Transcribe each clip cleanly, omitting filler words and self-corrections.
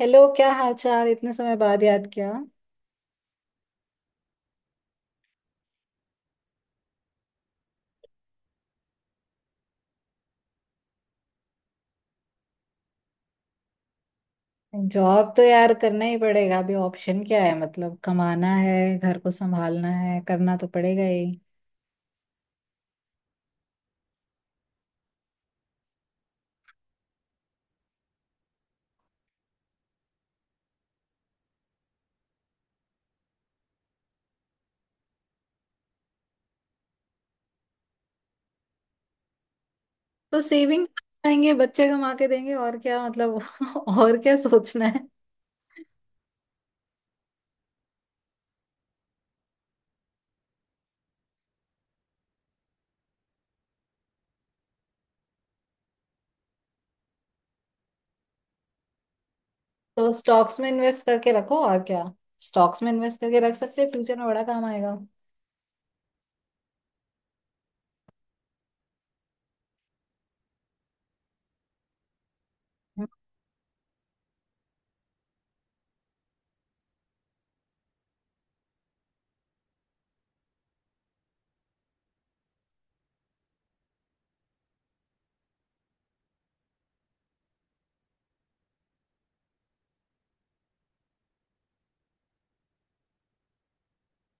Hello. क्या हाल चाल, इतने समय बाद याद किया। जॉब तो यार करना ही पड़ेगा, अभी ऑप्शन क्या है? मतलब कमाना है, घर को संभालना है, करना तो पड़ेगा ही। तो सेविंग्स आएंगे, बच्चे कमा के देंगे, और क्या मतलब। और क्या सोचना है। तो स्टॉक्स में इन्वेस्ट करके रखो, और क्या। स्टॉक्स में इन्वेस्ट करके रख सकते हैं, फ्यूचर में बड़ा काम आएगा।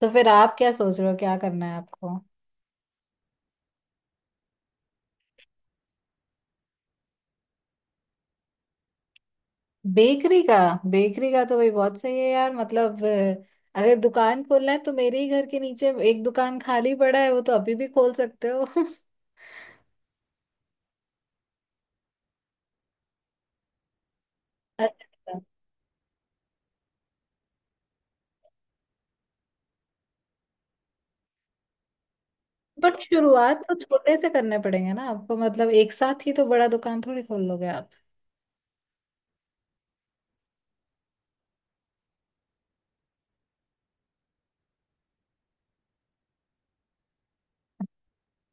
तो फिर आप क्या सोच रहे हो, क्या करना है आपको? बेकरी का? बेकरी का तो भाई बहुत सही है यार। मतलब अगर दुकान खोलना है तो मेरे ही घर के नीचे एक दुकान खाली पड़ा है, वो तो अभी भी खोल सकते हो। अच्छा। बट शुरुआत तो छोटे से करने पड़ेंगे ना आपको, मतलब एक साथ ही तो बड़ा दुकान थोड़ी खोल लोगे आप।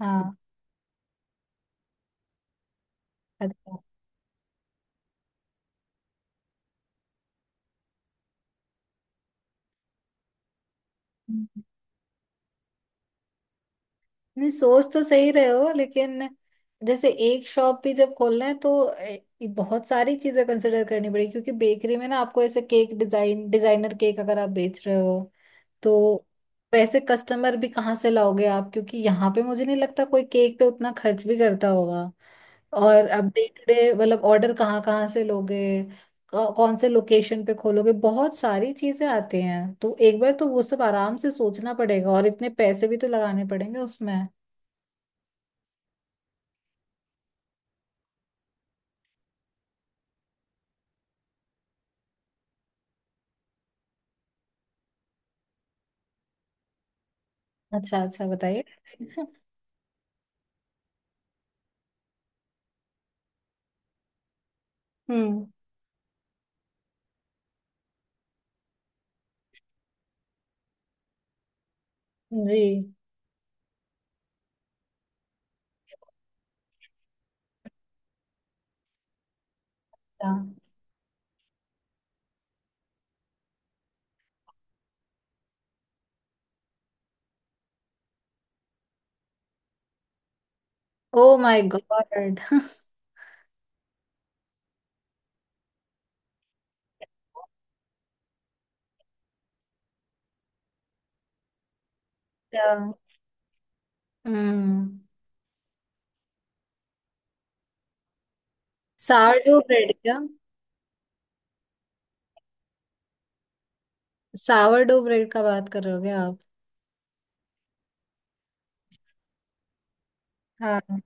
हाँ। अच्छा। नहीं, सोच तो सही रहे हो, लेकिन जैसे एक शॉप भी जब खोलना है तो ए, बहुत सारी चीजें कंसिडर करनी पड़ेगी। क्योंकि बेकरी में ना आपको ऐसे केक डिजाइन, डिजाइनर केक अगर आप बेच रहे हो, तो वैसे कस्टमर भी कहाँ से लाओगे आप? क्योंकि यहाँ पे मुझे नहीं लगता कोई केक पे उतना खर्च भी करता होगा। और अब डे टू डे मतलब ऑर्डर कहाँ कहाँ से लोगे? क- कौन से लोकेशन पे खोलोगे? बहुत सारी चीजें आती हैं, तो एक बार तो वो सब आराम से सोचना पड़ेगा, और इतने पैसे भी तो लगाने पड़ेंगे उसमें। अच्छा अच्छा, बताइए। हम्म। जी। हाँ। Oh my god. क्या? हम्म। सावरडो ब्रेड क्या? सावरडो ब्रेड का बात कर रहे हो क्या आप? हाँ।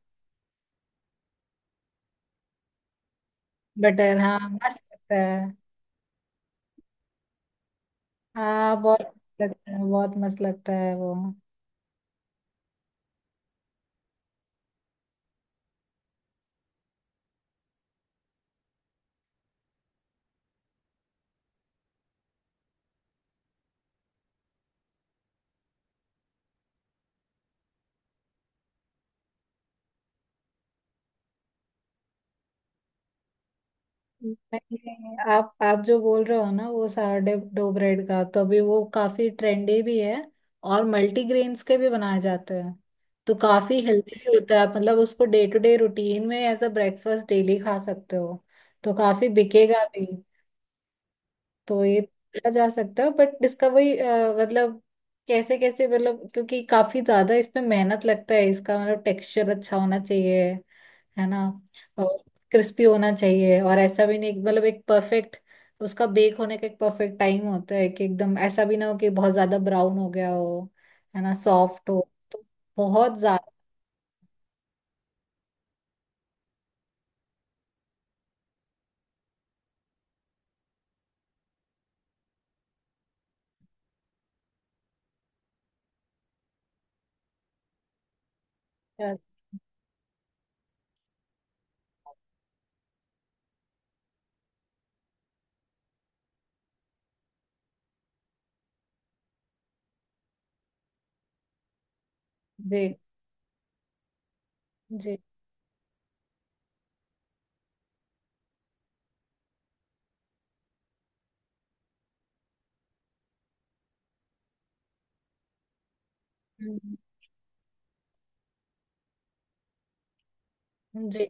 बटर हाँ, मस्त लगता है। हाँ बहुत। मस्त लगता है, बहुत मस्त लगता है वो। नहीं, आप जो बोल रहे हो ना, वो सारडे डो ब्रेड का तो अभी वो काफी ट्रेंडी भी है। और मल्टीग्रेन्स के भी बनाए जाते हैं। तो काफी हेल्दी भी होता है, मतलब उसको डे टू डे रूटीन में एज अ ब्रेकफास्ट डेली खा सकते हो। तो काफी बिकेगा भी। तो ये किया जा सकता है, बट इसका वही मतलब कैसे कैसे मतलब, क्योंकि काफी ज्यादा इस पे मेहनत लगता है। इसका मतलब टेक्सचर अच्छा होना चाहिए, है ना। और क्रिस्पी होना चाहिए, और ऐसा भी नहीं मतलब एक परफेक्ट। उसका बेक होने का एक परफेक्ट टाइम होता है, कि एकदम ऐसा भी ना हो कि बहुत ज्यादा ब्राउन हो गया हो। है ना, सॉफ्ट हो तो बहुत ज्यादा। जी जी। हम्म, जी।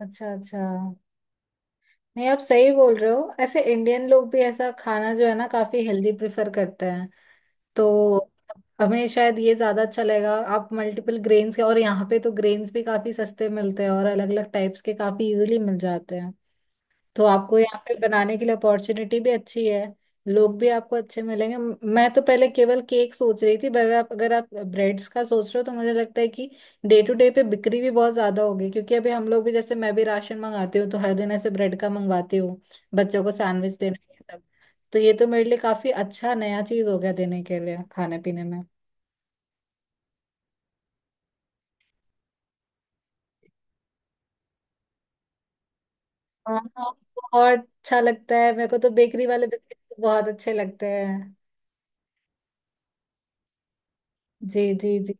अच्छा अच्छा। नहीं, आप सही बोल रहे हो, ऐसे इंडियन लोग भी ऐसा खाना जो है ना काफी हेल्दी प्रेफर करते हैं। तो हमें शायद ये ज्यादा अच्छा लगेगा। आप मल्टीपल ग्रेन्स के, और यहाँ पे तो ग्रेन्स भी काफी सस्ते मिलते हैं, और अलग अलग टाइप्स के काफी इजीली मिल जाते हैं। तो आपको यहाँ पे बनाने के लिए अपॉर्चुनिटी भी अच्छी है। लोग भी आपको अच्छे मिलेंगे। म- मैं तो पहले केवल केक सोच रही थी, पर आप अगर आप ब्रेड्स का सोच रहे हो, तो मुझे लगता है कि डे टू डे पे बिक्री भी बहुत ज्यादा होगी। क्योंकि अभी हम लोग भी, जैसे मैं भी राशन मंगाती हूँ, तो हर दिन ऐसे ब्रेड का मंगवाती हूँ। बच्चों को सैंडविच देना ये सब। तो ये तो मेरे लिए काफी अच्छा नया चीज हो गया देने के लिए खाने पीने में। हाँ हाँ, बहुत अच्छा लगता है मेरे को तो। बेकरी वाले बिस्किट बहुत अच्छे लगते हैं। जी जी जी।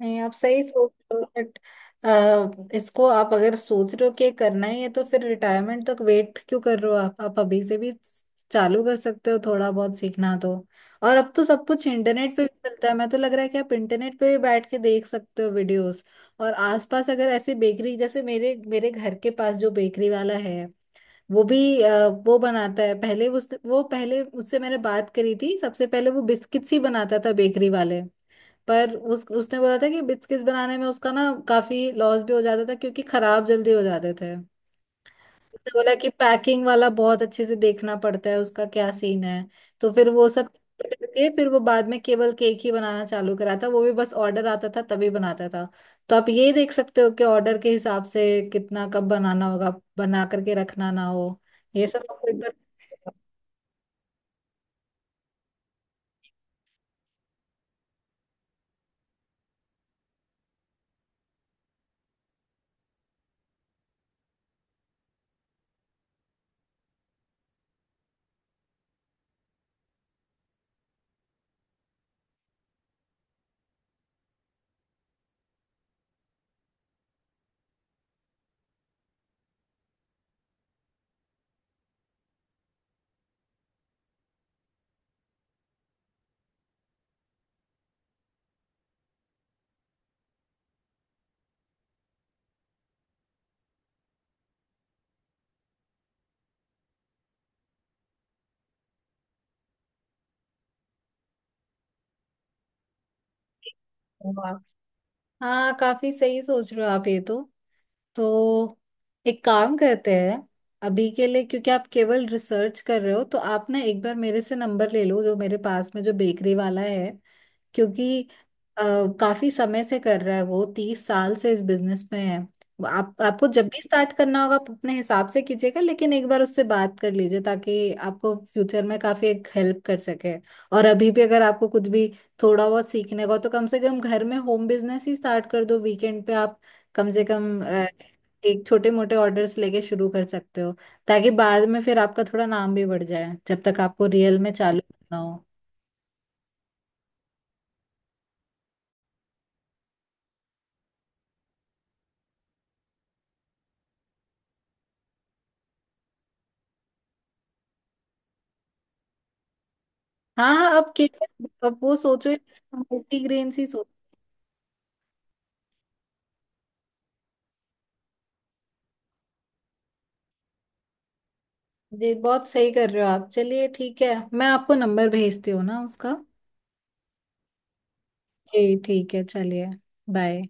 नहीं, आप सही सोच रहे हो, बट इसको आप अगर सोच रहे हो कि करना ही है, तो फिर रिटायरमेंट तक वेट क्यों कर रहे हो? आप अभी से भी चालू कर सकते हो, थोड़ा बहुत सीखना तो। और अब तो सब कुछ इंटरनेट पे भी मिलता है। मैं तो लग रहा है कि आप इंटरनेट पे भी बैठ के देख सकते हो वीडियोस। और आसपास अगर ऐसी बेकरी, जैसे मेरे मेरे घर के पास जो बेकरी वाला है, वो भी वो बनाता है, पहले उस वो पहले उससे मैंने बात करी थी, सबसे पहले वो बिस्किट्स ही बनाता था, बेकरी वाले। पर उस उसने बोला था कि बिस्किट्स बनाने में उसका ना काफी लॉस भी हो जाता था, क्योंकि खराब जल्दी हो जाते थे। तो बोला कि पैकिंग वाला बहुत अच्छे से देखना पड़ता है, उसका क्या सीन है। तो फिर वो सब करके फिर वो बाद में केवल केक ही बनाना चालू करा था, वो भी बस ऑर्डर आता था तभी बनाता था। तो आप ये देख सकते हो कि ऑर्डर के हिसाब से कितना कब बनाना होगा, बना करके रखना ना हो। ये सब आप एक बार- हाँ काफी सही सोच रहे हो आप ये तो। तो एक काम करते हैं, अभी के लिए क्योंकि आप केवल रिसर्च कर रहे हो, तो आप ना एक बार मेरे से नंबर ले लो, जो मेरे पास में जो बेकरी वाला है। क्योंकि अ, काफी समय से कर रहा है वो, 30 साल से इस बिजनेस में है। वो आप आपको जब भी स्टार्ट करना होगा आप अपने हिसाब से कीजिएगा, लेकिन एक बार उससे बात कर लीजिए, ताकि आपको फ्यूचर में काफी एक हेल्प कर सके। और अभी भी अगर आपको कुछ भी थोड़ा बहुत सीखने को, तो कम से कम घर में होम बिजनेस ही स्टार्ट कर दो, वीकेंड पे आप। कम से कम एक छोटे मोटे ऑर्डर्स लेके शुरू कर सकते हो, ताकि बाद में फिर आपका थोड़ा नाम भी बढ़ जाए, जब तक आपको रियल में चालू करना हो। हाँ हाँ। अब के अब वो सोचो, मल्टीग्रेन ही सोचो। जी, बहुत सही कर रहे हो आप। चलिए ठीक है, मैं आपको नंबर भेजती हूँ ना उसका। जी ठीक है, चलिए। बाय।